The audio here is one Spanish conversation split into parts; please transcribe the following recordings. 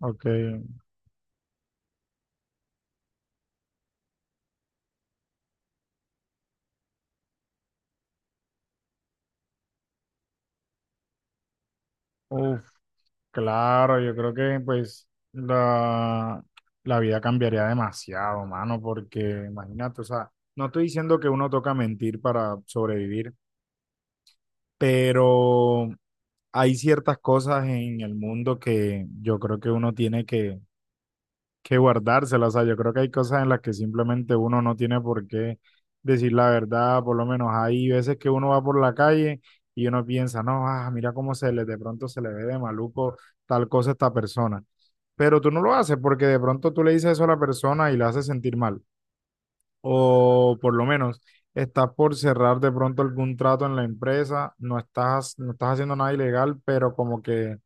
Ok, uf, claro, yo creo que pues la vida cambiaría demasiado, mano, porque imagínate, o sea, no estoy diciendo que uno toca mentir para sobrevivir, pero hay ciertas cosas en el mundo que yo creo que uno tiene que guardárselas. O sea, yo creo que hay cosas en las que simplemente uno no tiene por qué decir la verdad. Por lo menos hay veces que uno va por la calle y uno piensa, no, ah, mira cómo se le, de pronto se le ve de maluco tal cosa a esta persona. Pero tú no lo haces porque de pronto tú le dices eso a la persona y la haces sentir mal. O por lo menos estás por cerrar de pronto algún trato en la empresa, no estás haciendo nada ilegal, pero como que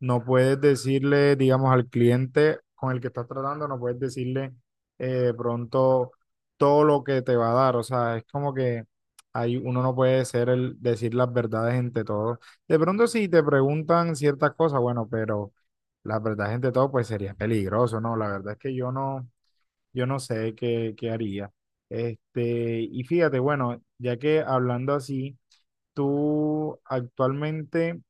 no puedes decirle, digamos, al cliente con el que estás tratando, no puedes decirle pronto todo lo que te va a dar. O sea, es como que ahí uno no puede ser el decir las verdades entre todos. De pronto si te preguntan ciertas cosas, bueno, pero las verdades entre todos, pues sería peligroso, ¿no? La verdad es que yo no sé qué haría. Este, y fíjate, bueno, ya que hablando así, tú actualmente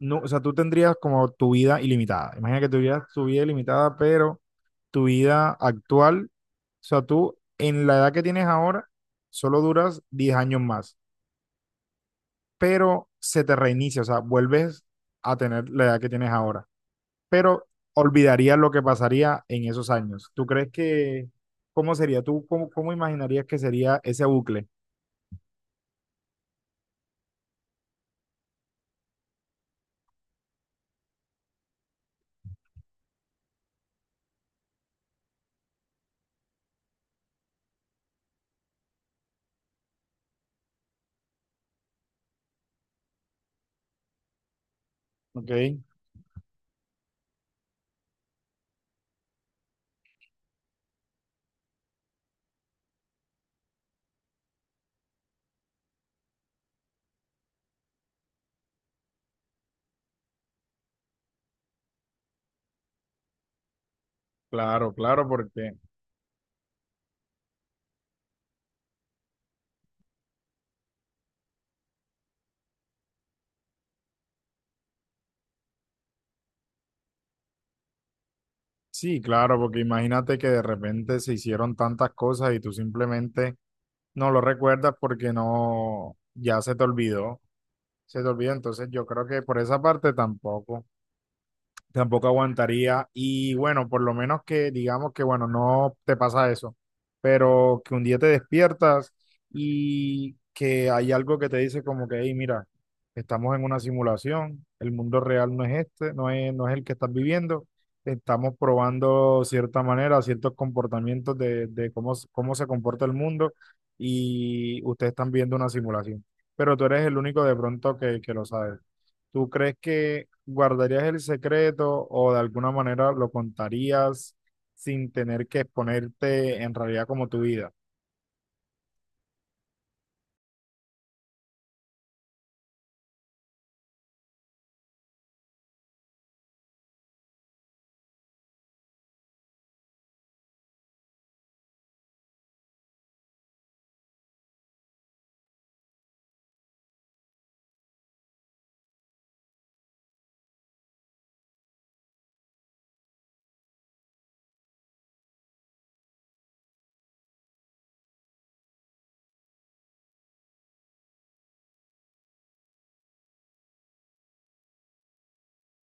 no, o sea, tú tendrías como tu vida ilimitada. Imagina que tuvieras tu vida ilimitada, pero tu vida actual, o sea, tú en la edad que tienes ahora, solo duras 10 años más, pero se te reinicia, o sea, vuelves a tener la edad que tienes ahora, pero olvidarías lo que pasaría en esos años. ¿Tú crees que, cómo sería? ¿Tú cómo, cómo imaginarías que sería ese bucle? Ok, claro, claro, porque sí, claro, porque imagínate que de repente se hicieron tantas cosas y tú simplemente no lo recuerdas porque no, ya se te olvidó, se te olvidó. Entonces yo creo que por esa parte tampoco aguantaría. Y bueno, por lo menos que digamos que, bueno, no te pasa eso, pero que un día te despiertas y que hay algo que te dice como que, hey, mira, estamos en una simulación, el mundo real no es este, no es el que estás viviendo, estamos probando cierta manera, ciertos comportamientos de cómo, cómo se comporta el mundo y ustedes están viendo una simulación. Pero tú eres el único de pronto que lo sabe. ¿Tú crees que guardarías el secreto o de alguna manera lo contarías sin tener que exponerte en realidad como tu vida?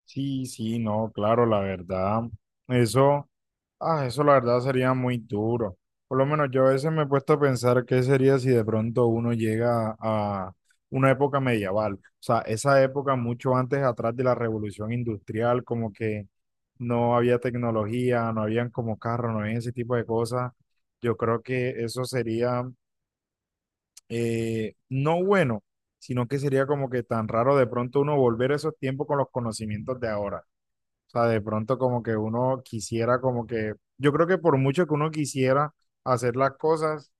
Sí, sí, no, claro, la verdad. Eso. Ah, eso la verdad sería muy duro. Por lo menos yo a veces me he puesto a pensar qué sería si de pronto uno llega a una época medieval. O sea, esa época mucho antes atrás de la revolución industrial, como que no había tecnología, no habían como carros, no había ese tipo de cosas. Yo creo que eso sería no bueno, sino que sería como que tan raro de pronto uno volver a esos tiempos con los conocimientos de ahora sea, de pronto como que uno quisiera como que, yo creo que por mucho que uno quisiera hacer las cosas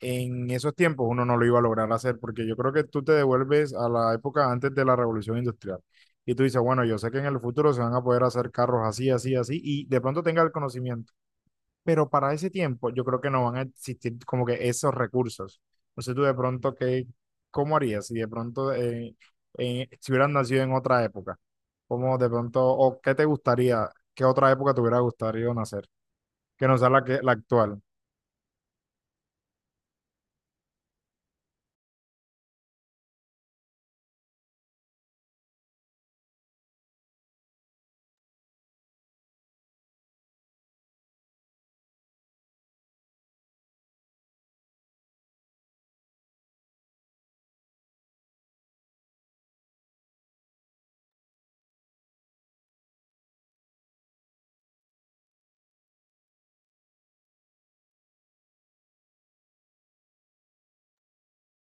en esos tiempos, uno no lo iba a lograr hacer, porque yo creo que tú te devuelves a la época antes de la revolución industrial. Y tú dices, bueno, yo sé que en el futuro se van a poder hacer carros así, así, así, y de pronto tenga el conocimiento pero para ese tiempo yo creo que no van a existir como que esos recursos. No sé tú de pronto qué, cómo harías si de pronto si hubieras nacido en otra época, cómo de pronto, o qué te gustaría, qué otra época te hubiera gustado nacer, que no sea la, que, la actual.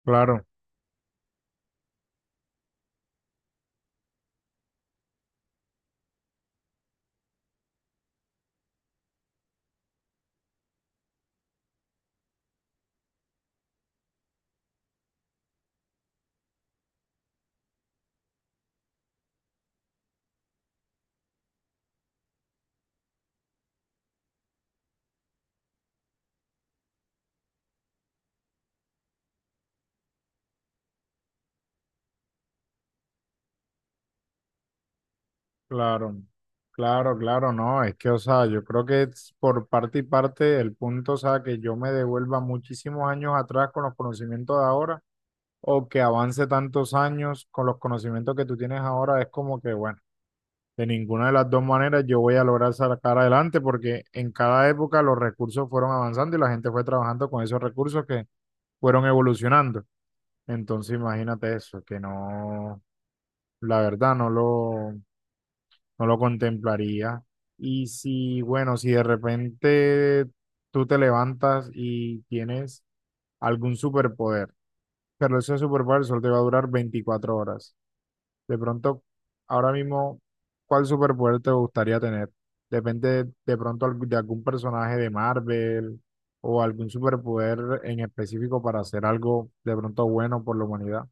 Claro, claro, claro, claro, no, es que, o sea, yo creo que es por parte y parte el punto, o sea, que yo me devuelva muchísimos años atrás con los conocimientos de ahora o que avance tantos años con los conocimientos que tú tienes ahora, es como que, bueno, de ninguna de las dos maneras yo voy a lograr sacar adelante porque en cada época los recursos fueron avanzando y la gente fue trabajando con esos recursos que fueron evolucionando. Entonces imagínate eso, que no, la verdad, no lo contemplaría. Y si, bueno, si de repente tú te levantas y tienes algún superpoder, pero ese superpoder solo te va a durar 24 horas. De pronto, ahora mismo, ¿cuál superpoder te gustaría tener? Depende de pronto de algún personaje de Marvel o algún superpoder en específico para hacer algo de pronto bueno por la humanidad.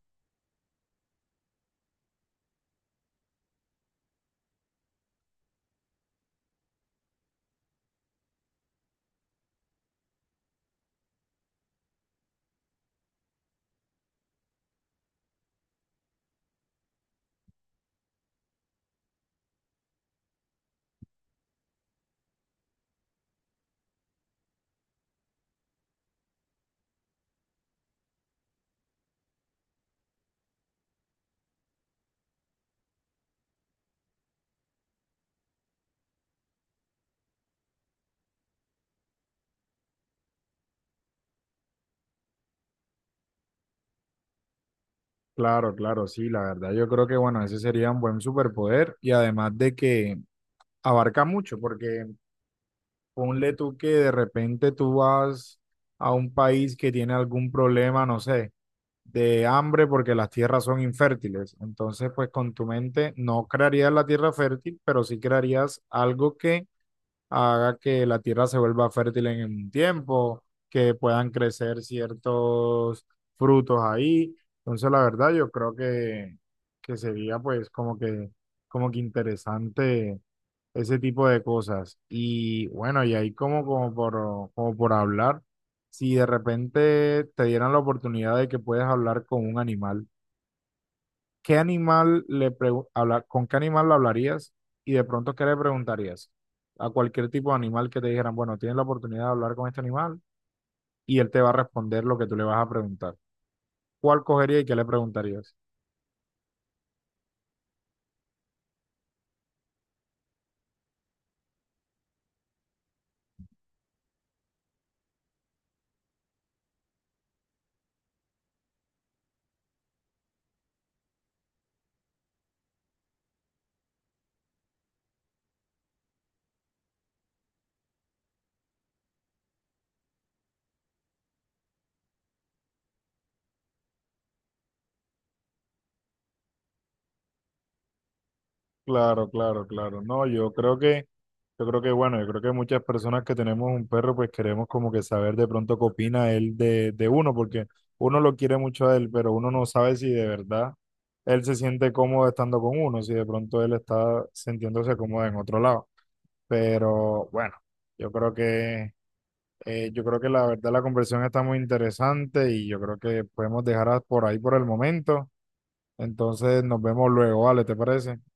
Claro, claro, sí, la verdad yo creo que bueno, ese sería un buen superpoder y además de que abarca mucho, porque ponle tú que de repente tú vas a un país que tiene algún problema, no sé de hambre porque las tierras son infértiles. Entonces, pues con tu mente no crearías la tierra fértil, pero sí crearías algo que haga que la tierra se vuelva fértil en un tiempo, que puedan crecer ciertos frutos ahí. Entonces, la verdad, yo creo que sería pues como que interesante ese tipo de cosas. Y bueno, y ahí como por hablar, si de repente te dieran la oportunidad de que puedes hablar con un animal, ¿qué animal le con qué animal lo hablarías y de pronto qué le preguntarías? A cualquier tipo de animal que te dijeran, bueno, tienes la oportunidad de hablar con este animal y él te va a responder lo que tú le vas a preguntar. ¿Cuál cogería y qué le preguntarías? Claro, claro, claro. No, yo creo que yo creo que, bueno, yo creo que muchas personas que tenemos un perro, pues queremos como que saber de pronto qué opina él de uno, porque uno lo quiere mucho a él, pero uno no sabe si de verdad él se siente cómodo estando con uno, si de pronto él está sintiéndose cómodo en otro lado. Pero bueno, yo creo que, yo creo que la verdad la conversación está muy interesante y yo creo que podemos dejarla por ahí por el momento. Entonces nos vemos luego, ¿vale? ¿Te parece?